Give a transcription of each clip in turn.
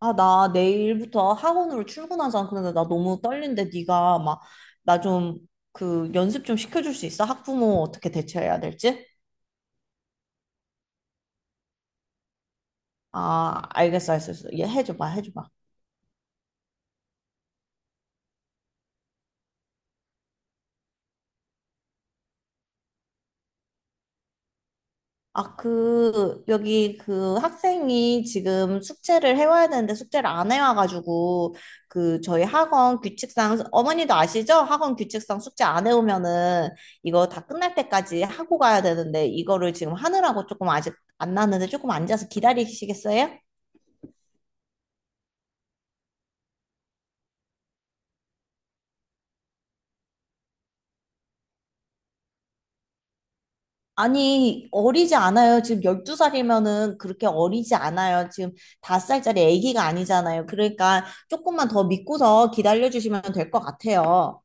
아, 나 내일부터 학원으로 출근하잖아. 근데 나 너무 떨린데 네가 막 나 좀 연습 좀 시켜줄 수 있어? 학부모 어떻게 대처해야 될지? 아, 알겠어. 얘 해줘봐. 아, 그 여기 그 학생이 지금 숙제를 해와야 되는데 숙제를 안 해와가지고 저희 학원 규칙상 어머니도 아시죠? 학원 규칙상 숙제 안 해오면은 이거 다 끝날 때까지 하고 가야 되는데 이거를 지금 하느라고 조금 아직 안 나왔는데 조금 앉아서 기다리시겠어요? 아니, 어리지 않아요. 지금 12살이면은 그렇게 어리지 않아요. 지금 5살짜리 아기가 아니잖아요. 그러니까 조금만 더 믿고서 기다려주시면 될 것 같아요.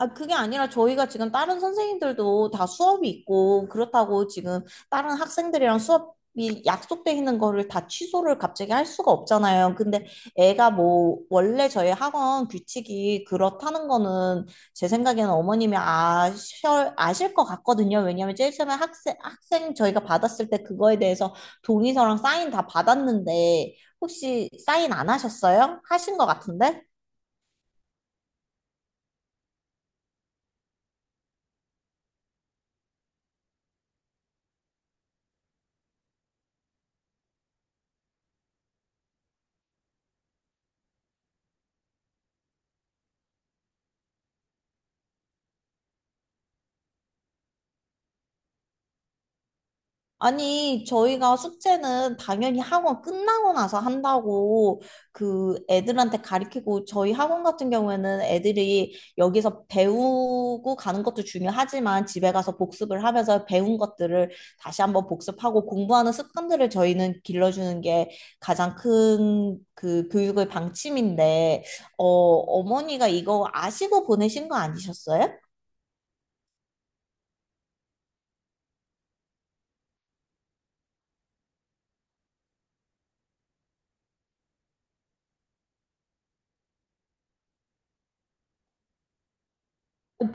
아, 그게 아니라 저희가 지금 다른 선생님들도 다 수업이 있고, 그렇다고 지금 다른 학생들이랑 수업이 약속돼 있는 거를 다 취소를 갑자기 할 수가 없잖아요. 근데 애가 뭐, 원래 저희 학원 규칙이 그렇다는 거는 제 생각에는 아실 것 같거든요. 왜냐면 제일 처음에 학생 저희가 받았을 때 그거에 대해서 동의서랑 사인 다 받았는데, 혹시 사인 안 하셨어요? 하신 것 같은데? 아니, 저희가 숙제는 당연히 학원 끝나고 나서 한다고 애들한테 가르치고 저희 학원 같은 경우에는 애들이 여기서 배우고 가는 것도 중요하지만 집에 가서 복습을 하면서 배운 것들을 다시 한번 복습하고 공부하는 습관들을 저희는 길러주는 게 가장 큰 교육의 방침인데, 어머니가 이거 아시고 보내신 거 아니셨어요?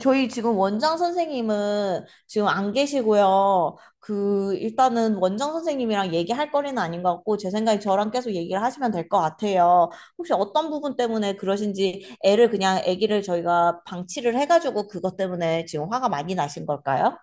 저희 지금 원장 선생님은 지금 안 계시고요. 일단은 원장 선생님이랑 얘기할 거리는 아닌 것 같고, 제 생각에 저랑 계속 얘기를 하시면 될 것 같아요. 혹시 어떤 부분 때문에 그러신지, 아기를 저희가 방치를 해가지고 그것 때문에 지금 화가 많이 나신 걸까요?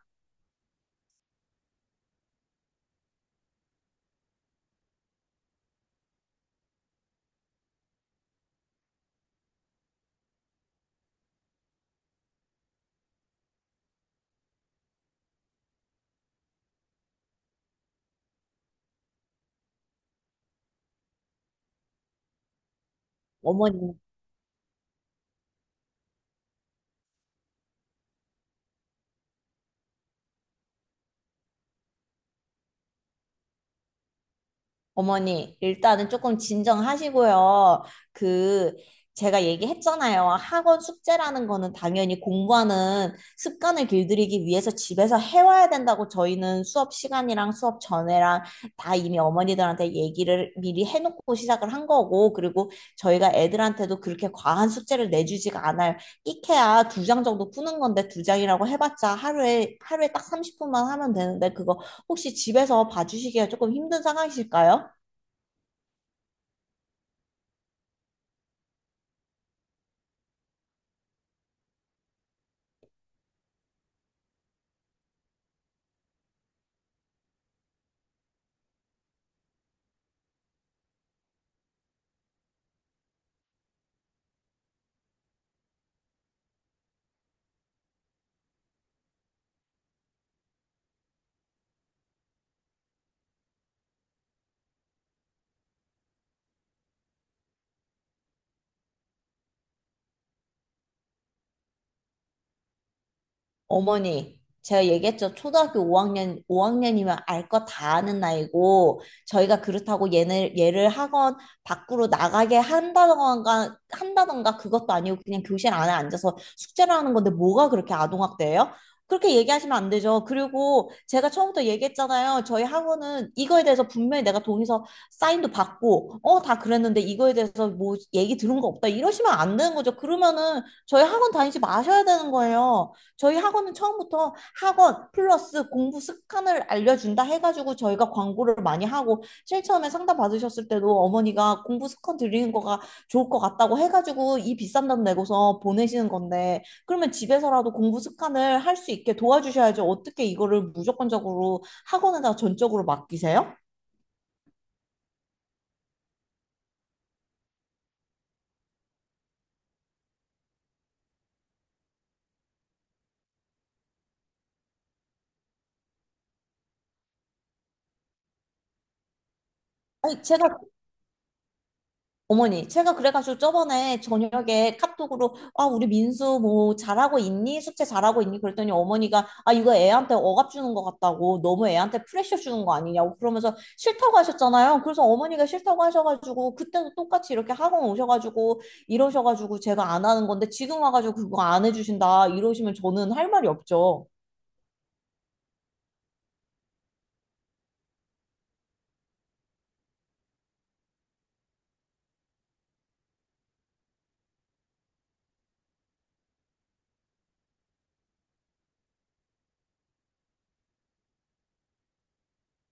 어머니 어머니, 일단은 조금 진정하시고요. 그, 제가 얘기했잖아요. 학원 숙제라는 거는 당연히 공부하는 습관을 길들이기 위해서 집에서 해와야 된다고 저희는 수업 시간이랑 수업 전에랑 다 이미 어머니들한테 얘기를 미리 해놓고 시작을 한 거고, 그리고 저희가 애들한테도 그렇게 과한 숙제를 내주지가 않아요. 끼케야 두 장 정도 푸는 건데 두 장이라고 해봤자 하루에 딱 30분만 하면 되는데 그거 혹시 집에서 봐주시기가 조금 힘든 상황이실까요? 어머니, 제가 얘기했죠. 초등학교 5학년이면 알 거 다 아는 나이고, 저희가 그렇다고 얘를 학원 밖으로 나가게 한다던가 그것도 아니고 그냥 교실 안에 앉아서 숙제를 하는 건데 뭐가 그렇게 아동학대예요? 그렇게 얘기하시면 안 되죠. 그리고 제가 처음부터 얘기했잖아요. 저희 학원은 이거에 대해서 분명히 내가 동의서 사인도 받고, 다 그랬는데 이거에 대해서 뭐 얘기 들은 거 없다. 이러시면 안 되는 거죠. 그러면은 저희 학원 다니지 마셔야 되는 거예요. 저희 학원은 처음부터 학원 플러스 공부 습관을 알려준다 해가지고 저희가 광고를 많이 하고 제일 처음에 상담 받으셨을 때도 어머니가 공부 습관 드리는 거가 좋을 것 같다고 해가지고 이 비싼 돈 내고서 보내시는 건데 그러면 집에서라도 공부 습관을 할 수 있게 도와주셔야죠. 어떻게 이거를 무조건적으로 학원에다 전적으로 맡기세요? 아니, 제가 어머니, 제가 그래가지고 저번에 저녁에 카톡으로, 아, 우리 민수 뭐 잘하고 있니? 숙제 잘하고 있니? 그랬더니 어머니가, 아, 이거 애한테 억압 주는 것 같다고, 너무 애한테 프레셔 주는 거 아니냐고 그러면서 싫다고 하셨잖아요. 그래서 어머니가 싫다고 하셔가지고, 그때도 똑같이 이렇게 학원 오셔가지고, 이러셔가지고 제가 안 하는 건데, 지금 와가지고 그거 안 해주신다, 이러시면 저는 할 말이 없죠.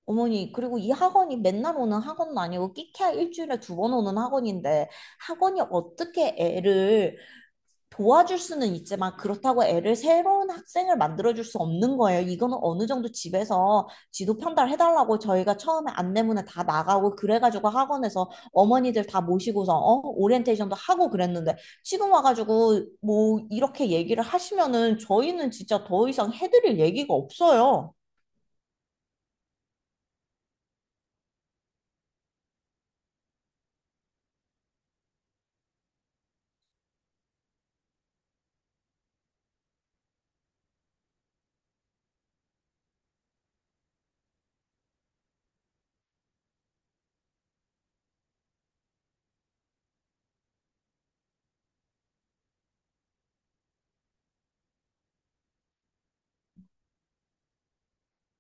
어머니, 그리고 이 학원이 맨날 오는 학원은 아니고 끼케야 일주일에 두 번 오는 학원인데 학원이 어떻게 애를 도와줄 수는 있지만 그렇다고 애를 새로운 학생을 만들어줄 수 없는 거예요. 이거는 어느 정도 집에서 지도 편달해달라고 저희가 처음에 안내문에 다 나가고 그래가지고 학원에서 어머니들 다 모시고서 어? 오리엔테이션도 하고 그랬는데 지금 와가지고 뭐 이렇게 얘기를 하시면은 저희는 진짜 더 이상 해드릴 얘기가 없어요.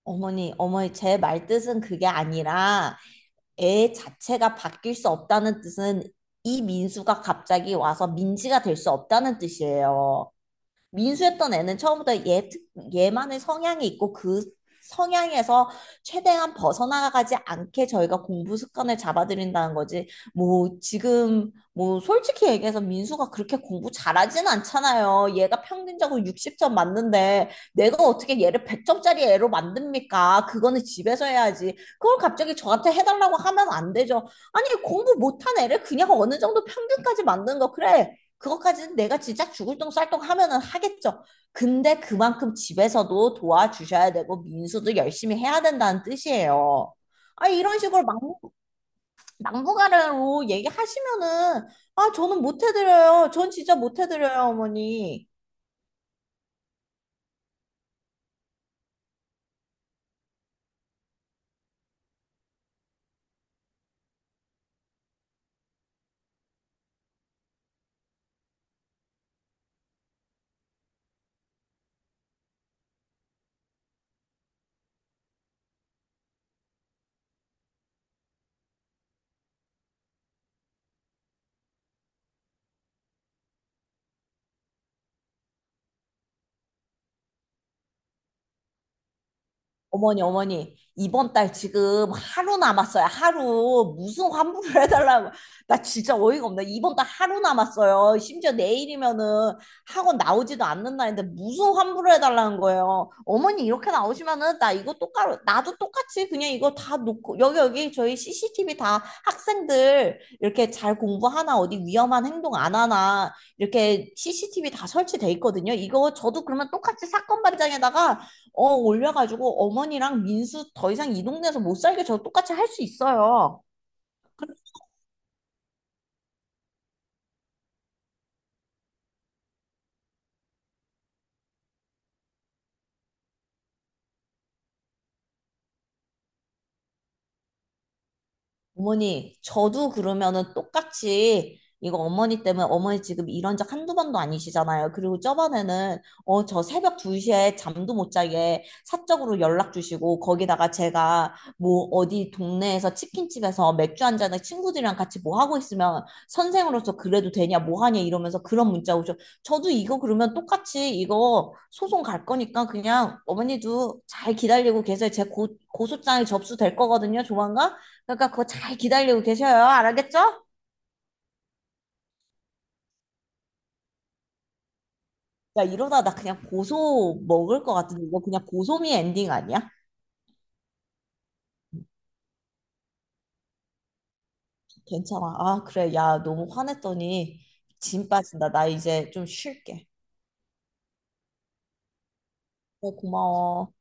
어머니, 제 말뜻은 그게 아니라 애 자체가 바뀔 수 없다는 뜻은 이 민수가 갑자기 와서 민지가 될 수 없다는 뜻이에요. 민수했던 애는 처음부터 얘만의 성향이 있고 그 성향에서 최대한 벗어나가지 않게 저희가 공부 습관을 잡아들인다는 거지. 뭐 지금 뭐 솔직히 얘기해서 민수가 그렇게 공부 잘하진 않잖아요. 얘가 평균적으로 60점 맞는데 내가 어떻게 얘를 100점짜리 애로 만듭니까? 그거는 집에서 해야지. 그걸 갑자기 저한테 해달라고 하면 안 되죠. 아니 공부 못한 애를 그냥 어느 정도 평균까지 만든 거 그래. 그것까지는 내가 진짜 죽을 똥 쌀똥 하면은 하겠죠. 근데 그만큼 집에서도 도와주셔야 되고 민수도 열심히 해야 된다는 뜻이에요. 아 이런 식으로 막무, 막무가내로 얘기하시면은 아 저는 못 해드려요. 전 진짜 못 해드려요, 어머니. 어머니, 이번 달 지금 하루 남았어요. 하루. 무슨 환불을 해달라고. 나 진짜 어이가 없네. 이번 달 하루 남았어요. 심지어 내일이면은 학원 나오지도 않는 날인데 무슨 환불을 해달라는 거예요. 어머니, 이렇게 나오시면은 나도 똑같이 그냥 이거 다 놓고, 여기 저희 CCTV 다 학생들 이렇게 잘 공부하나, 어디 위험한 행동 안 하나, 이렇게 CCTV 다 설치돼 있거든요. 이거 저도 그러면 똑같이 사건 발장에다가 올려가지고 어머니랑 민수 더 이상 이 동네에서 못 살게 저 똑같이 할 수 있어요. 저도 그러면은 똑같이 이거 어머니 지금 이런 적 한두 번도 아니시잖아요. 그리고 저번에는 저 새벽 2시에 잠도 못 자게 사적으로 연락 주시고 거기다가 제가 뭐 어디 동네에서 치킨집에서 맥주 한 잔에 친구들이랑 같이 뭐 하고 있으면 선생으로서 그래도 되냐 뭐 하냐 이러면서 그런 문자 오죠. 저도 이거 그러면 똑같이 이거 소송 갈 거니까 그냥 어머니도 잘 기다리고 계세요. 고소장이 접수될 거거든요. 조만간. 그러니까 그거 잘 기다리고 계셔요. 알겠죠? 야, 이러다 나 그냥 고소 먹을 것 같은데 이거 그냥 고소미 엔딩 아니야? 괜찮아. 아, 그래. 야, 너무 화냈더니 진 빠진다. 나 이제 좀 쉴게. 네, 고마워.